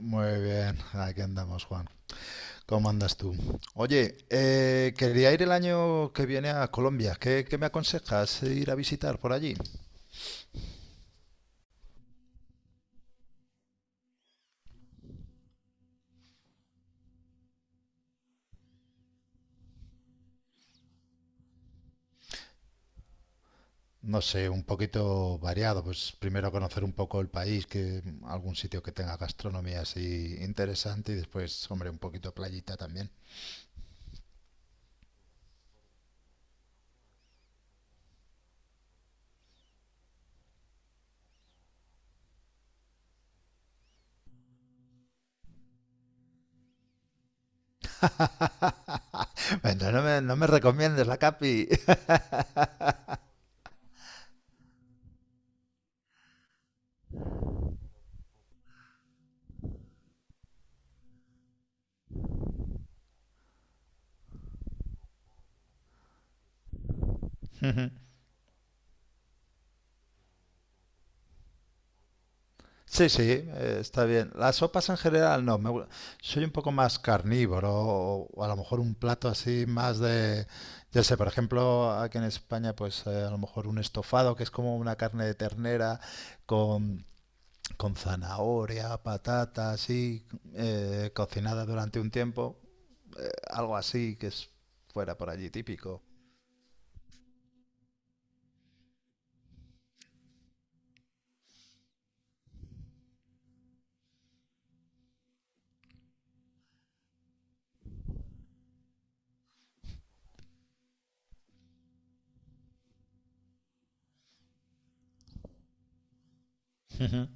Muy bien, aquí andamos, Juan. ¿Cómo andas tú? Oye, quería ir el año que viene a Colombia. ¿Qué me aconsejas ir a visitar por allí? No sé, un poquito variado. Pues primero conocer un poco el país, que algún sitio que tenga gastronomía así interesante y después, hombre, un poquito playita también. Bueno, no me recomiendes la Capi. Sí, sí, está bien. Las sopas en general no. Soy un poco más carnívoro o a lo mejor un plato así más de, ya sé, por ejemplo, aquí en España, pues a lo mejor un estofado que es como una carne de ternera con, con zanahoria, patata, así, cocinada durante un tiempo. Algo así que es fuera por allí típico. Ujú.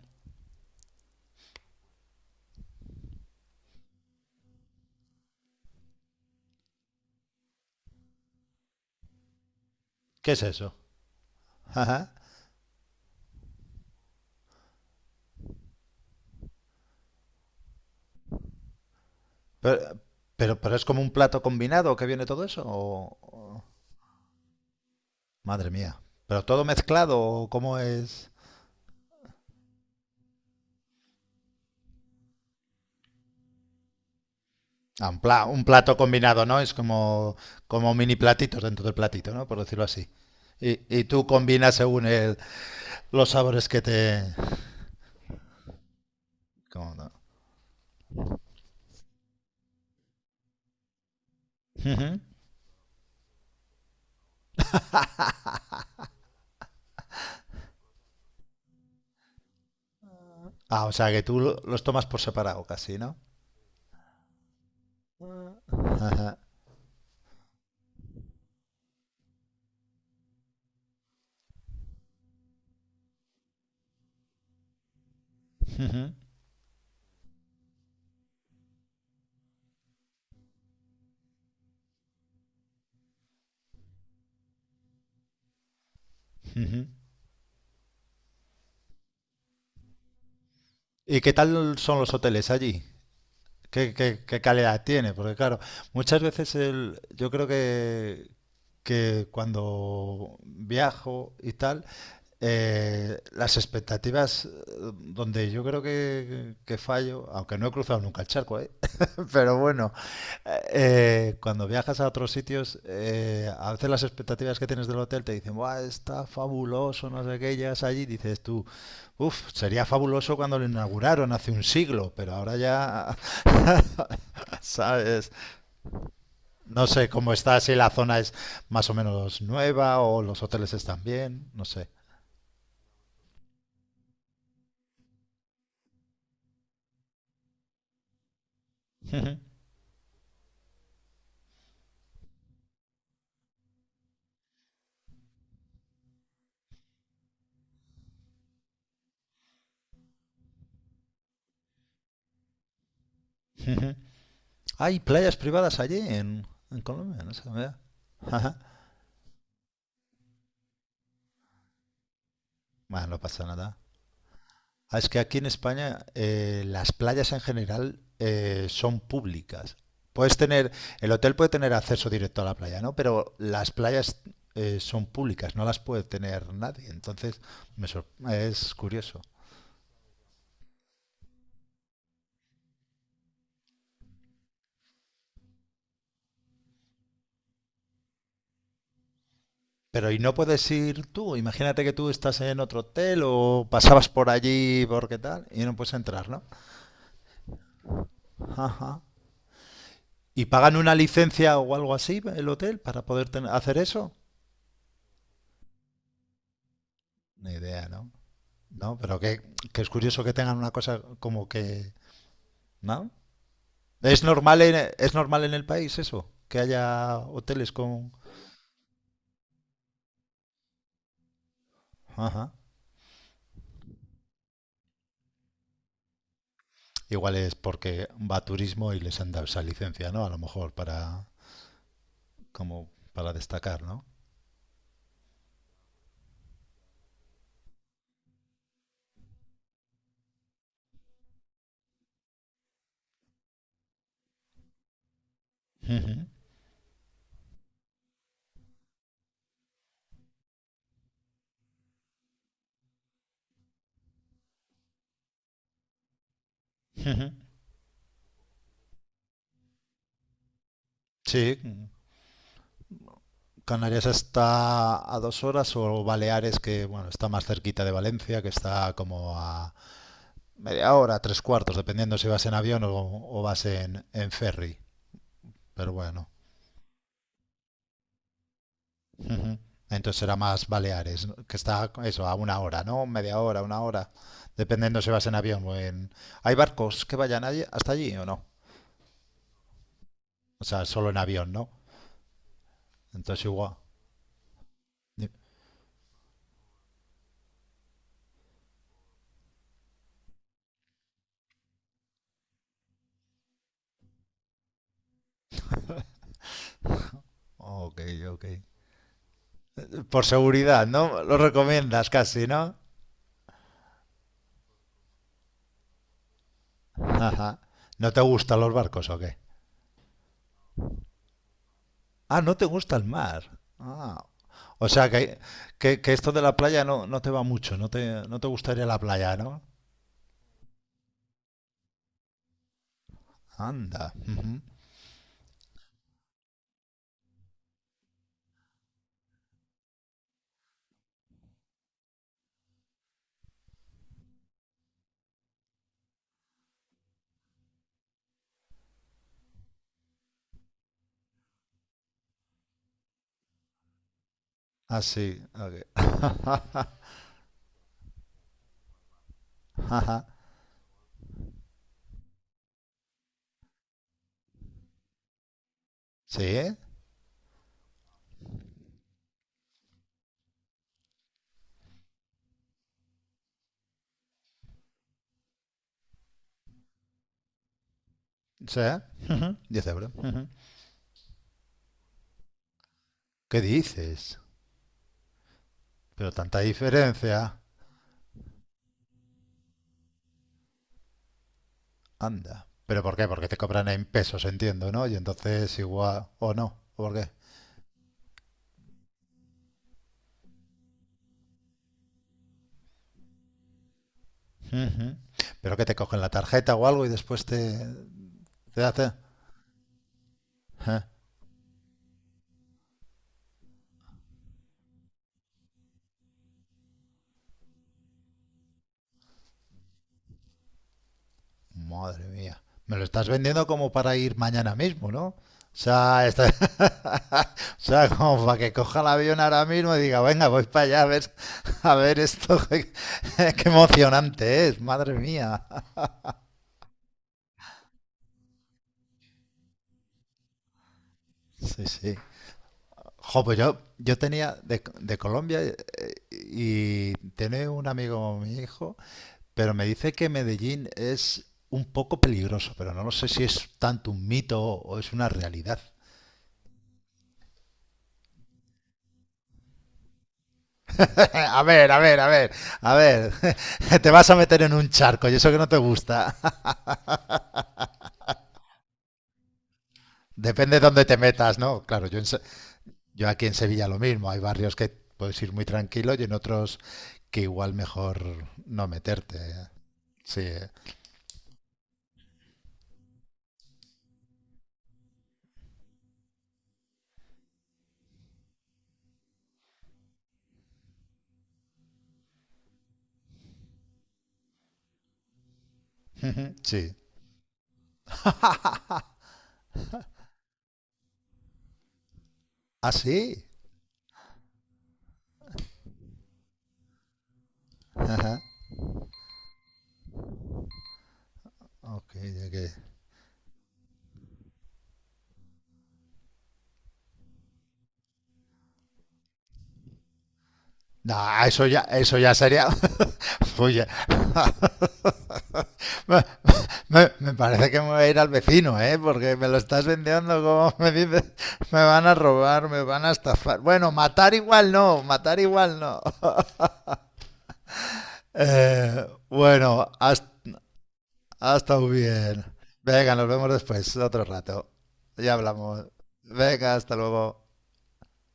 ¿Qué es eso? Ajá. Pero, pero es como un plato combinado que viene todo eso o... Madre mía. ¿Pero todo mezclado cómo es? Ah, un plato combinado, ¿no? Es como, como mini platitos dentro del platito, ¿no? Por decirlo así. Y tú combinas según los sabores que te... ¿Cómo no? Ujú. Ah, o sea que los tomas por separado casi, ¿no? Ajá. Ujú, ujú. ¿Y qué tal son los hoteles allí? ¿Qué calidad tiene? Porque claro, muchas veces el, yo creo que cuando viajo y tal, las expectativas, donde yo creo que fallo, aunque no he cruzado nunca el charco, ¿eh? Pero bueno, cuando viajas a otros sitios, a veces las expectativas que tienes del hotel te dicen, ¡buah, está fabuloso! No sé qué, llegas allí y dices tú, uf, sería fabuloso cuando lo inauguraron hace un siglo, pero ahora ya, ¿sabes? No sé cómo está, si la zona es más o menos nueva o los hoteles están bien, no sé. Ujú, ujú. Hay playas privadas allí en Colombia, no sé. Mira. Bueno, no pasa nada. Ah, es que aquí en España las playas en general son públicas. Puedes tener, el hotel puede tener acceso directo a la playa, ¿no? Pero las playas son públicas, no las puede tener nadie. Entonces, es curioso. Pero ¿y no puedes ir tú? Imagínate que tú estás en otro hotel o pasabas por allí ¿por qué tal y no puedes entrar, ¿no? Ajá. ¿Y pagan una licencia o algo así el hotel para poder hacer eso? Ni idea, ¿no? No, pero que es curioso que tengan una cosa como que, ¿no? ¿Es normal en el país eso? Que haya hoteles con... Ajá. Igual es porque va a turismo y les han dado esa licencia, ¿no? A lo mejor para, como para destacar, ¿no? Ujú, ujú. Sí, Canarias está a dos horas o Baleares, que bueno, está más cerquita de Valencia, que está como a media hora, tres cuartos, dependiendo si vas en avión o vas en ferry. Pero bueno, ujú. Entonces será más Baleares, ¿no? que está eso, a una hora, ¿no? Media hora, una hora, dependiendo si vas en avión o en... ¿Hay barcos que vayan hasta allí o no? O sea, solo en avión, ¿no? Entonces igual. Ni- Ok, ok. Por seguridad, ¿no? Lo recomiendas casi, ¿no? Ajá. ¿No te gustan los barcos o qué? Ah, no te gusta el mar. Ah. O sea, que esto de la playa no, no te va mucho, no te gustaría la playa, ¿no? Anda. Ah, sí. Ok. Sí, ¿eh? Sí. Ujú, 10 euros. ¿Qué dices? Pero tanta diferencia. Anda. ¿Pero por qué? Porque te cobran en pesos, entiendo, ¿no? Y entonces igual... ¿O no? ¿O por qué? ¿Pero que te cogen la tarjeta o algo y después te... te hace... Madre mía. Me lo estás vendiendo como para ir mañana mismo, ¿no? O sea, está- o sea, como para que coja el avión ahora mismo y diga, venga, voy para allá a ver esto, qué emocionante es, madre mía. Sí, sí. Jo, yo tenía de Colombia y tiene un amigo, mi hijo, pero me dice que Medellín es un poco peligroso, pero no lo sé si es tanto un mito o es una realidad. A ver, a ver, a ver, a ver. Te vas a meter en un charco y eso que no te gusta. Depende de dónde te metas, ¿no? Claro, yo aquí en Sevilla lo mismo. Hay barrios que puedes ir muy tranquilo y en otros que igual mejor no meterte. ¿Eh? Sí, sí. ¿Ah, sí? Ajá. Ok, ok. No, eso ya sería. Oye, parece que me voy a ir al vecino, ¿eh? Porque me lo estás vendiendo como me dices, me van a robar, me van a estafar. Bueno, matar igual no, matar igual no. Bueno, hasta, hasta bien. Venga, nos vemos después, otro rato. Ya hablamos. Venga, hasta luego.